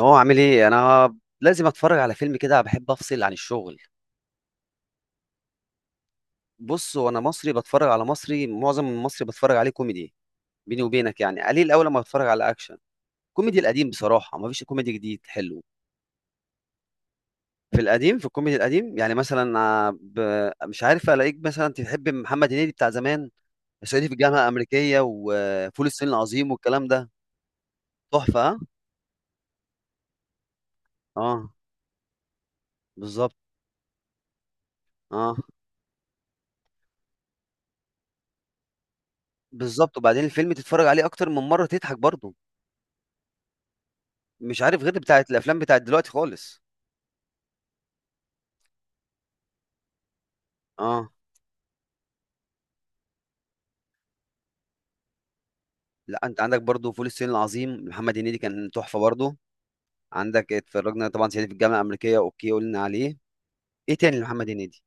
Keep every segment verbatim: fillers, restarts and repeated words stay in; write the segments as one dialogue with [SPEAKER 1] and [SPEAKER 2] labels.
[SPEAKER 1] هو عامل ايه؟ انا لازم اتفرج على فيلم، كده بحب افصل عن الشغل. بص، وانا مصري بتفرج على مصري. معظم المصري بتفرج عليه كوميدي. بيني وبينك يعني قليل، اول ما بتفرج على اكشن. كوميدي القديم، بصراحه ما فيش كوميدي جديد حلو. في القديم، في الكوميدي القديم، يعني مثلا آه، ب... مش عارف الاقيك. مثلا تحب محمد هنيدي بتاع زمان؟ صعيدي في الجامعه الامريكيه، وفول الصين العظيم، والكلام ده. تحفه، ها؟ اه. بالظبط. اه، بالظبط. وبعدين الفيلم تتفرج عليه اكتر من مره تضحك برضه. مش عارف غير بتاعت الافلام بتاعت دلوقتي خالص. اه. لا، انت عندك برضو فول الصين العظيم، محمد هنيدي كان تحفه برضو. عندك، اتفرجنا طبعا صعيدي في الجامعه الامريكيه، اوكي قلنا عليه. ايه تاني لمحمد هنيدي؟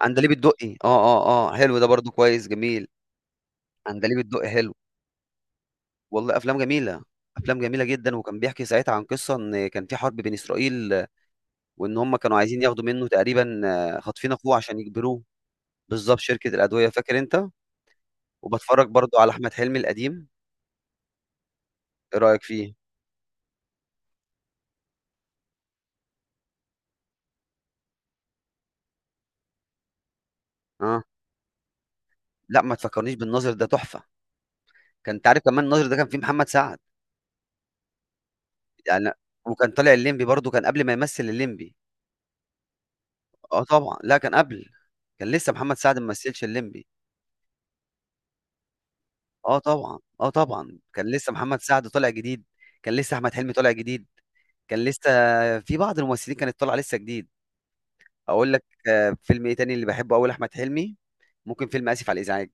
[SPEAKER 1] عندليب الدقي، اه، اه، اه، حلو ده برضو، كويس، جميل. عندليب الدقي حلو. والله افلام جميله. افلام جميله جدا، وكان بيحكي ساعتها عن قصه ان كان في حرب بين اسرائيل، وان هم كانوا عايزين ياخدوا منه تقريبا، آه، خاطفين اخوه عشان يجبروه. بالظبط، شركه الادويه، فاكر انت؟ وبتفرج برضو على احمد حلمي القديم. ايه رايك فيه؟ اه. لا، ما تفكرنيش بالناظر ده تحفة. كان أنت عارف كمان الناظر ده كان فيه محمد سعد. يعني. وكان طالع الليمبي برضه، كان قبل ما يمثل الليمبي. آه طبعًا، لأ كان قبل. كان لسه محمد سعد ما مثلش الليمبي. آه طبعًا، آه طبعًا، كان لسه محمد سعد طالع جديد. كان لسه أحمد حلمي طالع جديد. كان لسه في بعض الممثلين كانت طالعة لسه جديد. أقول لك. آه، فيلم إيه تاني اللي باحبه أوي لأحمد حلمي؟ ممكن فيلم آسف على الإزعاج.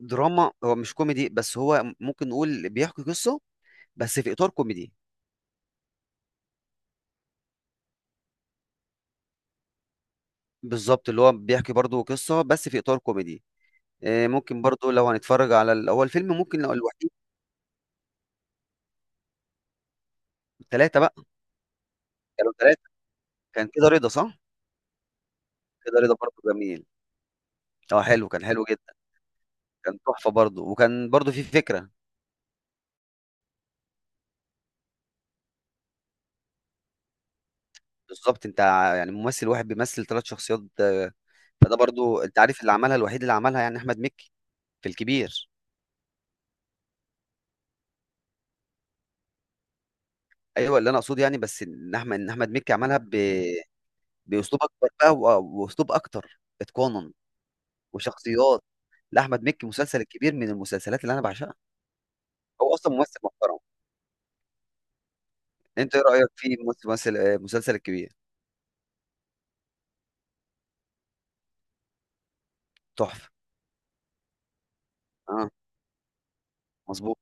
[SPEAKER 1] دراما. هو مش كوميدي، بس هو ممكن نقول بيحكي قصة بس في إطار كوميدي. بالظبط، اللي هو بيحكي برضه قصة بس في إطار كوميدي. آه، ممكن برضه لو هنتفرج على ال- هو الفيلم ممكن لو الوحيد. ثلاثة بقى. كانوا ثلاثة. كان كده رضا، صح؟ كده رضا برضه جميل. اه، حلو، كان حلو جدا. كان تحفة برضه، وكان برضه في فكرة. بالظبط، انت ع- يعني ممثل واحد بيمثل ثلاث شخصيات. آه، فده برضه انت عارف، اللي عملها الوحيد اللي عملها يعني أحمد مكي. في الكبير. ايوه، اللي انا اقصده يعني، بس ان احمد ان احمد مكي عملها ب... باسلوب اكبر بقى، و- واسلوب اكتر اتقانا. وشخصيات. لاحمد مكي مسلسل الكبير من المسلسلات اللي انا بعشقها. هو اصلا ممثل محترم. انت ايه رايك في ممثل مسلسل آه، مسلسل الكبير؟ تحفه. اه. مظبوط.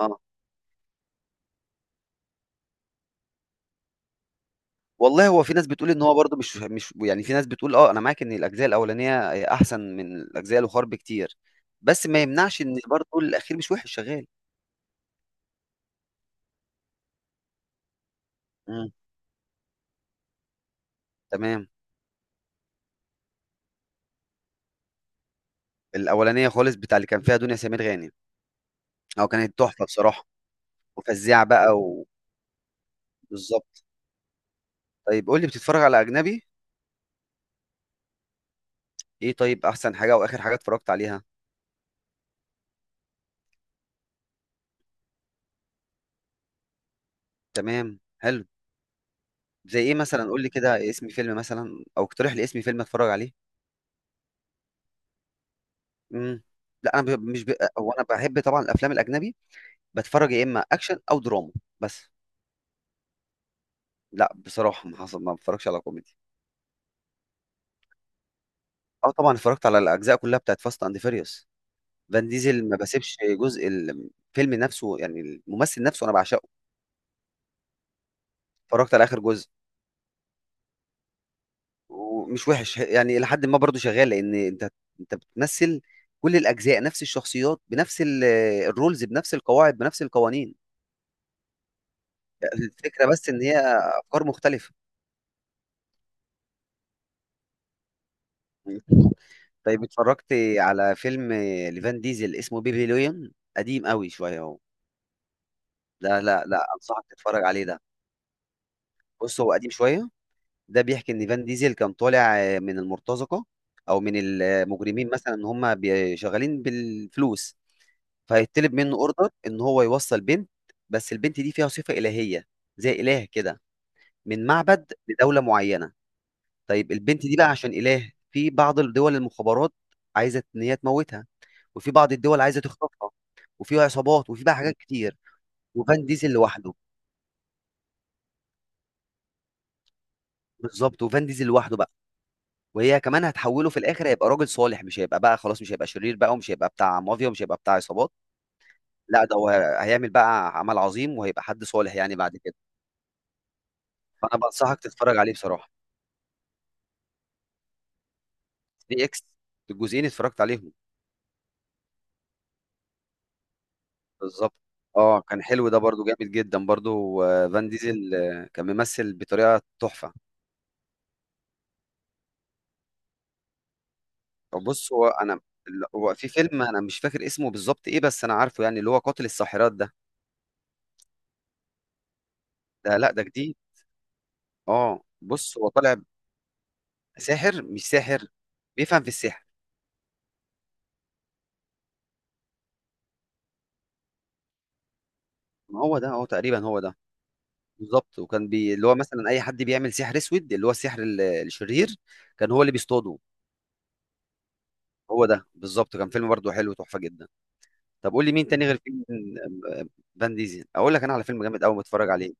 [SPEAKER 1] اه. والله، هو في ناس بتقول ان هو برضه مش مش يعني. في ناس بتقول، اه، انا معاك ان الاجزاء الاولانيه، آه، احسن من الاجزاء الاخرى بكتير. بس ما يمنعش ان برضه الاخير مش وحش، شغال. امم. تمام. الاولانيه خالص، بتاع اللي كان فيها دنيا سمير غانم. اه، كانت تحفه بصراحه. وفزيعه بقى. وبالظبط. طيب، قول لي، بتتفرج على اجنبي؟ ايه طيب، احسن حاجه واخر حاجه اتفرجت عليها؟ تمام، حلو. زي ايه مثلا؟ قول لي كده اسم فيلم مثلا، او اقترح لي اسم فيلم اتفرج عليه. امم. لا، انا ب- مش ب... هو انا بحب طبعا الافلام الاجنبي. بتفرج يا اما اكشن، او دراما. بس. لا، بصراحه ما حصل، ما بتفرجش على كوميدي. اه، طبعا اتفرجت على الاجزاء كلها بتاعت فاست اند فيريوس. فان ديزل ما بسيبش جزء، الفيلم نفسه يعني الممثل نفسه انا بعشقه. اتفرجت على اخر جزء. ومش وحش يعني، لحد ما برضو شغال، لان انت انت بتمثل كل الاجزاء نفس الشخصيات، بنفس ال- الرولز، بنفس القواعد، بنفس القوانين. الفكره بس ان هي افكار مختلفه. طيب اتفرجت على فيلم لفان ديزل اسمه بيبي لويون؟ قديم قوي شويه اهو. لا، لا، لا، انصحك تتفرج عليه ده. بص، هو قديم شويه. ده بيحكي ان فان ديزل كان طالع من المرتزقه، او من المجرمين مثلا، ان هم بي- شغالين بالفلوس. فهيطلب منه اوردر ان هو يوصل بنت. بس البنت دي فيها صفة إلهية، زي إله كده، من معبد لدولة معينة. طيب البنت دي بقى، عشان إله، في بعض الدول المخابرات عايزة إن هي تموتها، وفي بعض الدول عايزة تخطفها، وفي عصابات، وفي بقى حاجات كتير. وفان ديزل لوحده. بالظبط، وفان ديزل لوحده بقى. وهي كمان هتحوله في الآخر، هيبقى راجل صالح، مش هيبقى بقى خلاص، مش هيبقى شرير بقى، ومش هيبقى بتاع مافيا، ومش هيبقى بتاع عصابات. لا، ده هو هيعمل بقى عمل عظيم، وهيبقى حد صالح يعني بعد كده. فأنا بنصحك تتفرج عليه بصراحة. دي اكس. الجزئين اتفرجت عليهم. بالظبط. اه، كان حلو ده برضو، جامد جدا برضو، آه، فان ديزل آه، كان ممثل بطريقه تحفه. طب بص، هو انا. هو في فيلم انا مش فاكر اسمه بالظبط ايه، بس انا عارفه يعني، اللي هو قاتل الساحرات ده. ده، لا ده جديد. اه، بص، هو طالع ساحر، مش ساحر، بيفهم في السحر. ما هو ده، هو تقريبا هو ده. بالظبط، وكان بي... اللي هو مثلا اي حد بيعمل سحر اسود، اللي هو السحر ال- الشرير، كان هو اللي بيصطاده. هو ده بالظبط، كان فيلم برضو حلو، تحفه جدا. طب قول لي، مين تاني غير فيلم فان ديزل؟ اقول لك انا على فيلم جامد قوي متفرج عليه.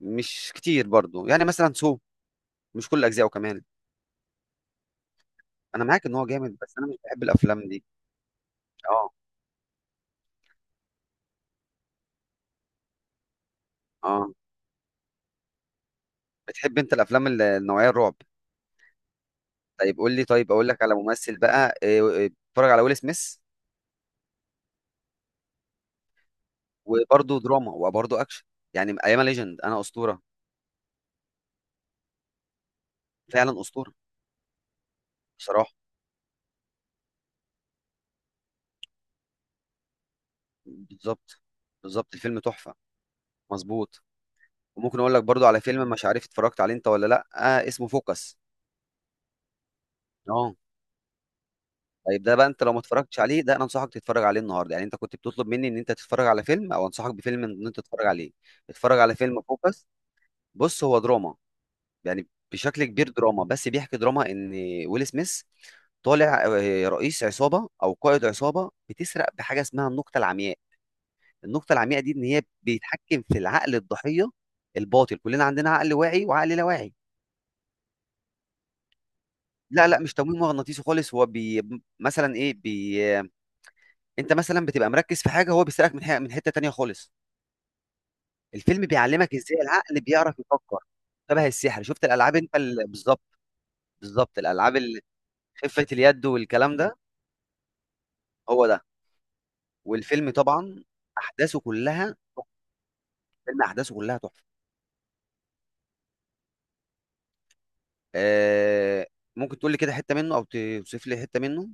[SPEAKER 1] مش كتير برضو يعني، مثلا سو. مش كل اجزائه كمان. انا معاك ان هو جامد، بس انا مش بحب الافلام دي. اه. اه. بتحب انت الافلام ال- النوعيه الرعب؟ طيب قول لي، طيب اقول لك على ممثل بقى إيه، إيه، اتفرج على ويل سميث. وبرضه دراما، وبرضه اكشن. يعني ايام ليجند، انا اسطوره. فعلا اسطوره. بصراحه. بالظبط، بالظبط، الفيلم تحفه. مظبوط. وممكن اقول لك برضو على فيلم، مش عارف اتفرجت عليه انت ولا لا، آه اسمه فوكس. اه. طيب ده بقى، انت لو ما اتفرجتش عليه ده، انا انصحك تتفرج عليه النهارده، يعني انت كنت بتطلب مني ان انت تتفرج على فيلم، او انصحك بفيلم ان انت تتفرج عليه. اتفرج على فيلم فوكس. بص، هو دراما. يعني بشكل كبير دراما، بس بيحكي دراما ان ويل سميث طالع آه، رئيس عصابه، او قائد عصابه بتسرق بحاجه اسمها النقطه العمياء. النقطه العمياء دي، ان هي بيتحكم في العقل الضحيه. الباطل، كلنا عندنا عقل واعي وعقل لا واعي. لا، لا، مش تمويل مغناطيسي خالص، هو بي. مثلا ايه، بي. انت مثلا بتبقى مركز في حاجه، هو بيسالك من حي... من حته تانية خالص. الفيلم بيعلمك ازاي العقل بيعرف يفكر. شبه السحر، شفت الالعاب انت ال... بالظبط. بالظبط الالعاب ال- خفه اليد والكلام ده. هو ده. والفيلم طبعا احداثه كلها. فيلم احداثه كلها تحفه. آه... ممكن تقول لي كده حته منه، او توصف لي حته منه؟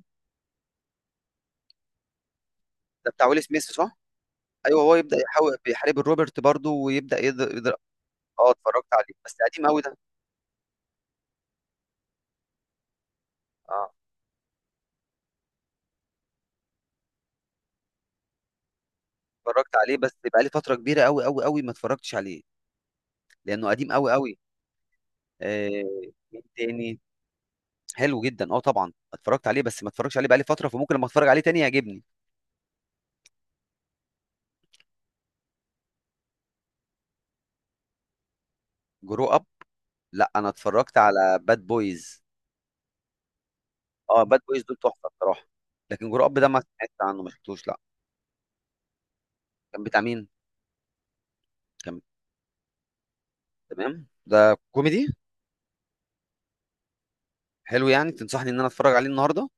[SPEAKER 1] ده بتاع ويل سميث، صح؟ ايوه، هو يبدا يحاول، بيحارب الروبرت برضه، ويبدا يقدر يقدر اه، اتفرجت عليه، بس قديم قوي ده. اه، اتفرجت عليه، بس بقى لي فتره كبيره قوي قوي قوي ما اتفرجتش عليه. لانه قديم قوي قوي. آه، مين تاني؟ حلو جدا، اه طبعا اتفرجت عليه، بس ما اتفرجش عليه بقالي فتره، فممكن لما اتفرج عليه تاني يعجبني. جرو اب؟ لا، انا اتفرجت على باد بويز. اه، باد بويز دول تحفه بصراحه. لكن جرو اب ده ما سمعت عنه، ما شفتوش، لا. كان بتاع مين؟ كان. تمام، ده كوميدي؟ حلو، يعني تنصحني ان انا اتفرج عليه النهارده؟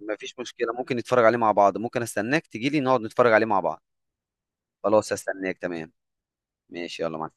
[SPEAKER 1] ما فيش مشكله، ممكن نتفرج عليه مع بعض، ممكن استناك تجيلي نقعد نتفرج عليه مع بعض. خلاص، استناك، تمام. ماشي، يلا مع